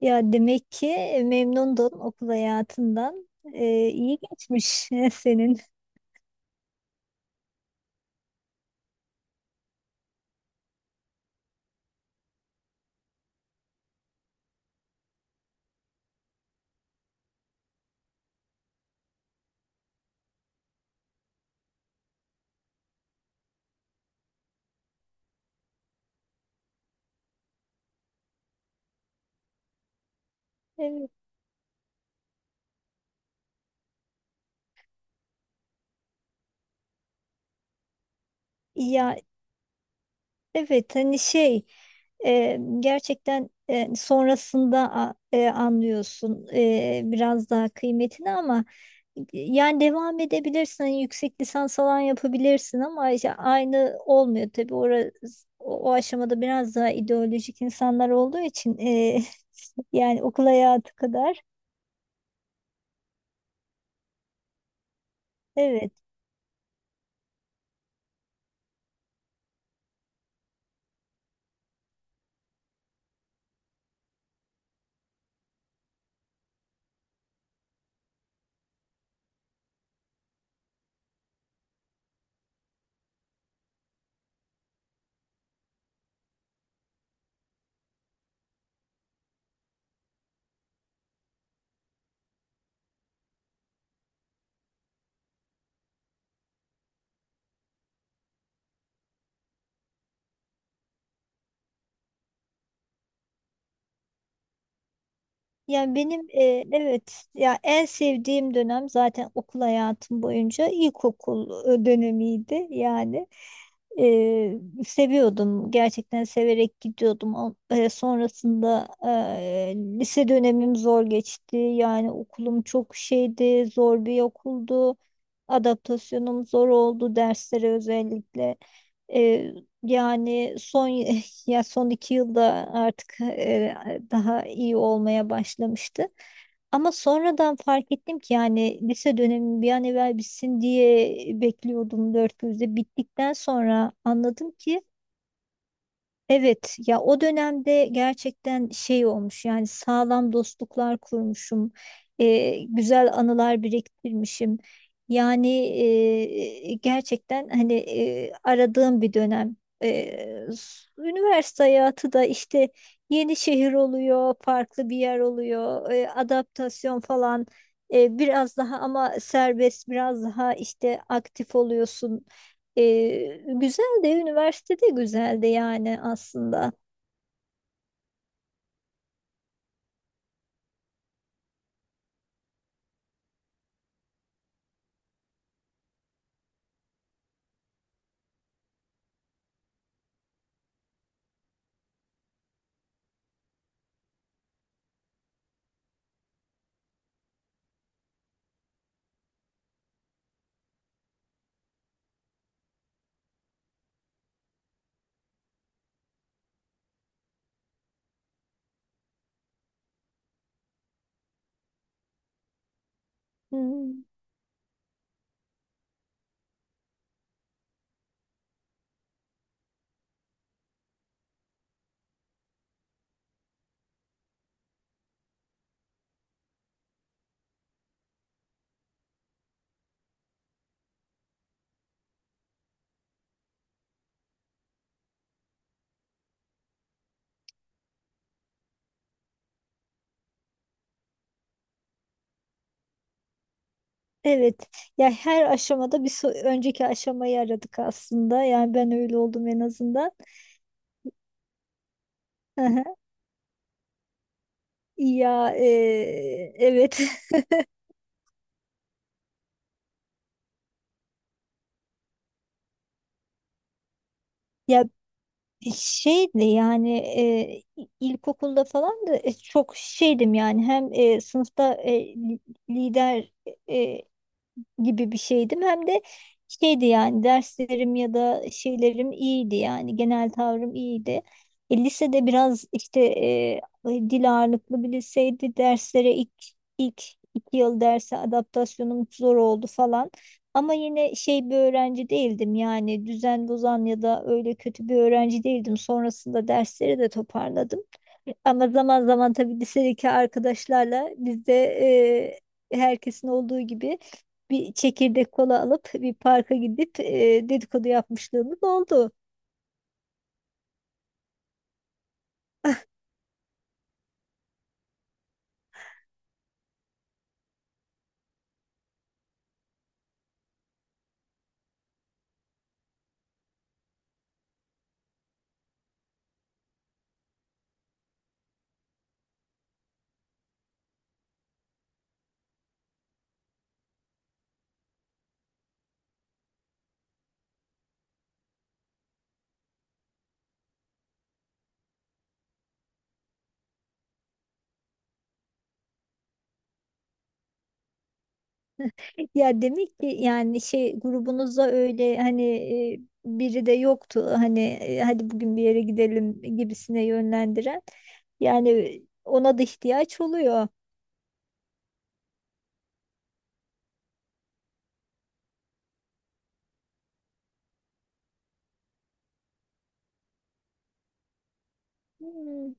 Ya demek ki memnundun okul hayatından. İyi geçmiş senin. Evet. Ya evet hani gerçekten sonrasında anlıyorsun biraz daha kıymetini ama yani devam edebilirsin hani yüksek lisans falan yapabilirsin ama işte aynı olmuyor tabii orası, o aşamada biraz daha ideolojik insanlar olduğu için yani okul hayatı kadar evet. Yani benim evet ya en sevdiğim dönem zaten okul hayatım boyunca ilkokul dönemiydi yani. Eee, Seviyordum. Gerçekten severek gidiyordum. Ama sonrasında lise dönemim zor geçti. Yani okulum çok şeydi, zor bir okuldu. Adaptasyonum zor oldu derslere özellikle. Eee, Yani son ya son iki yılda artık daha iyi olmaya başlamıştı. Ama sonradan fark ettim ki yani lise dönemi bir an evvel bitsin diye bekliyordum dört gözle. Bittikten sonra anladım ki evet ya o dönemde gerçekten şey olmuş yani sağlam dostluklar kurmuşum, güzel anılar biriktirmişim yani gerçekten hani aradığım bir dönem. E, Üniversite hayatı da işte yeni şehir oluyor, farklı bir yer oluyor, adaptasyon falan, biraz daha ama serbest, biraz daha işte aktif oluyorsun. Güzel de, üniversitede güzel de yani aslında. Hmm. Evet. Ya her aşamada bir önceki aşamayı aradık aslında. Yani ben öyle oldum en azından. Hı hı. Ya e, evet. Ya şeydi yani, ilkokulda falan da çok şeydim yani, hem sınıfta lider e, gibi bir şeydim. Hem de şeydi yani, derslerim ya da şeylerim iyiydi, yani genel tavrım iyiydi. E, lisede biraz işte dil ağırlıklı bir liseydi. Derslere ilk iki yıl derse adaptasyonum zor oldu falan. Ama yine şey bir öğrenci değildim, yani düzen bozan ya da öyle kötü bir öğrenci değildim. Sonrasında dersleri de toparladım. Ama zaman zaman tabii lisedeki arkadaşlarla biz de herkesin olduğu gibi bir çekirdek kola alıp bir parka gidip dedikodu yapmışlığımız oldu. Ya demek ki yani şey grubunuzda öyle hani biri de yoktu hani hadi bugün bir yere gidelim gibisine yönlendiren. Yani ona da ihtiyaç oluyor. Hmm.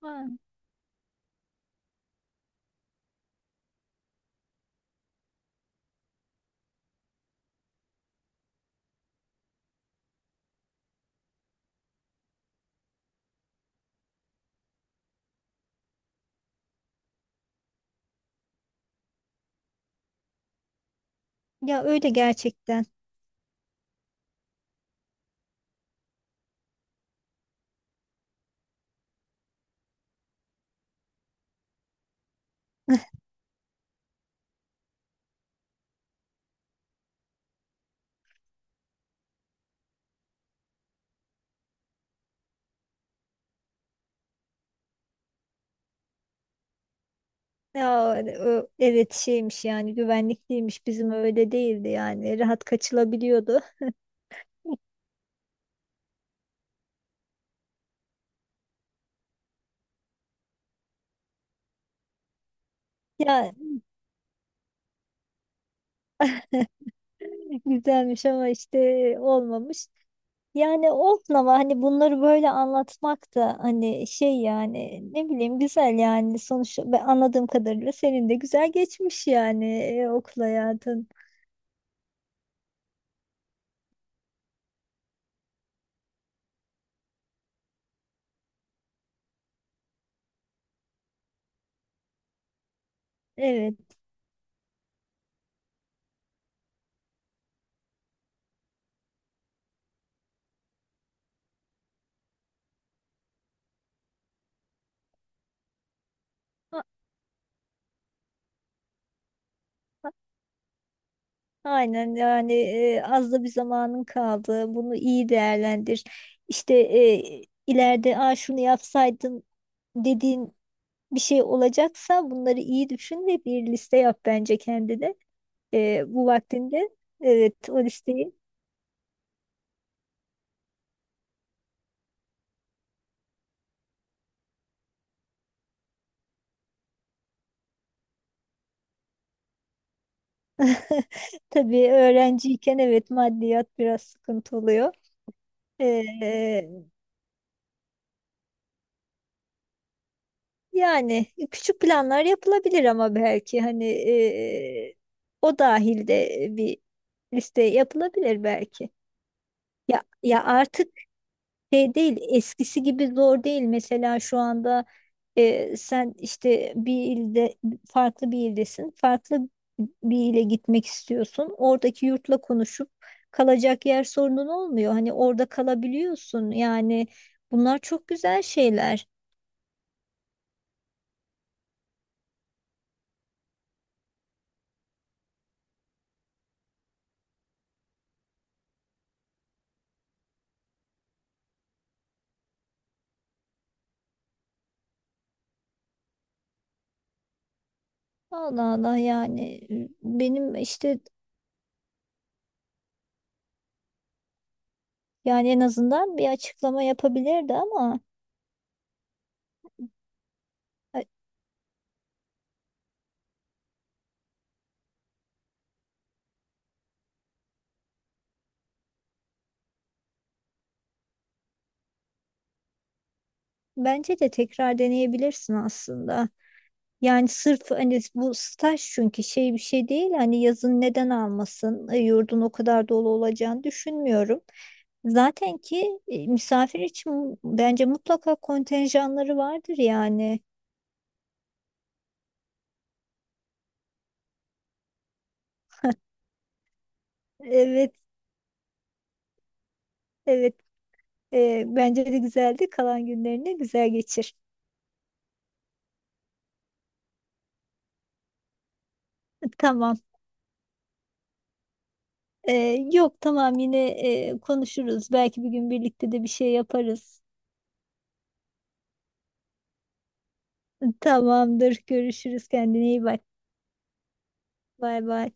Ha. Ya öyle gerçekten. Ya hani evet şeymiş yani, güvenlikliymiş, bizim öyle değildi yani, rahat kaçılabiliyordu. Ya güzelmiş ama işte olmamış. Yani olsun ama hani bunları böyle anlatmak da hani şey yani, ne bileyim, güzel yani, sonuçta ben anladığım kadarıyla senin de güzel geçmiş yani okul hayatın. Evet. A- a- Aynen yani, az da bir zamanın kaldı. Bunu iyi değerlendir. İşte, ileride "Aa, şunu yapsaydım" dediğin bir şey olacaksa bunları iyi düşün ve bir liste yap bence kendine bu vaktinde. Evet, o listeyi. Tabii öğrenciyken evet, maddiyat biraz sıkıntı oluyor. Ee, Yani küçük planlar yapılabilir ama belki hani, o dahilde bir liste yapılabilir belki. Ya artık şey değil, eskisi gibi zor değil. Mesela şu anda sen işte bir ilde, farklı bir ildesin. Farklı bir ile gitmek istiyorsun. Oradaki yurtla konuşup kalacak yer sorunun olmuyor. Hani orada kalabiliyorsun. Yani bunlar çok güzel şeyler. Allah Allah, yani benim işte, yani en azından bir açıklama yapabilirdi ama e, bence de tekrar deneyebilirsin aslında. Yani sırf hani bu staj çünkü şey bir şey değil, hani yazın neden almasın. E, yurdun o kadar dolu olacağını düşünmüyorum. Zaten ki misafir için bence mutlaka kontenjanları vardır yani. Evet, evet. E, bence de güzeldi, kalan günlerini güzel geçir. Tamam. E, Yok, tamam, yine konuşuruz, belki bir gün birlikte de bir şey yaparız. Tamamdır, görüşürüz, kendine iyi bak, bay bay.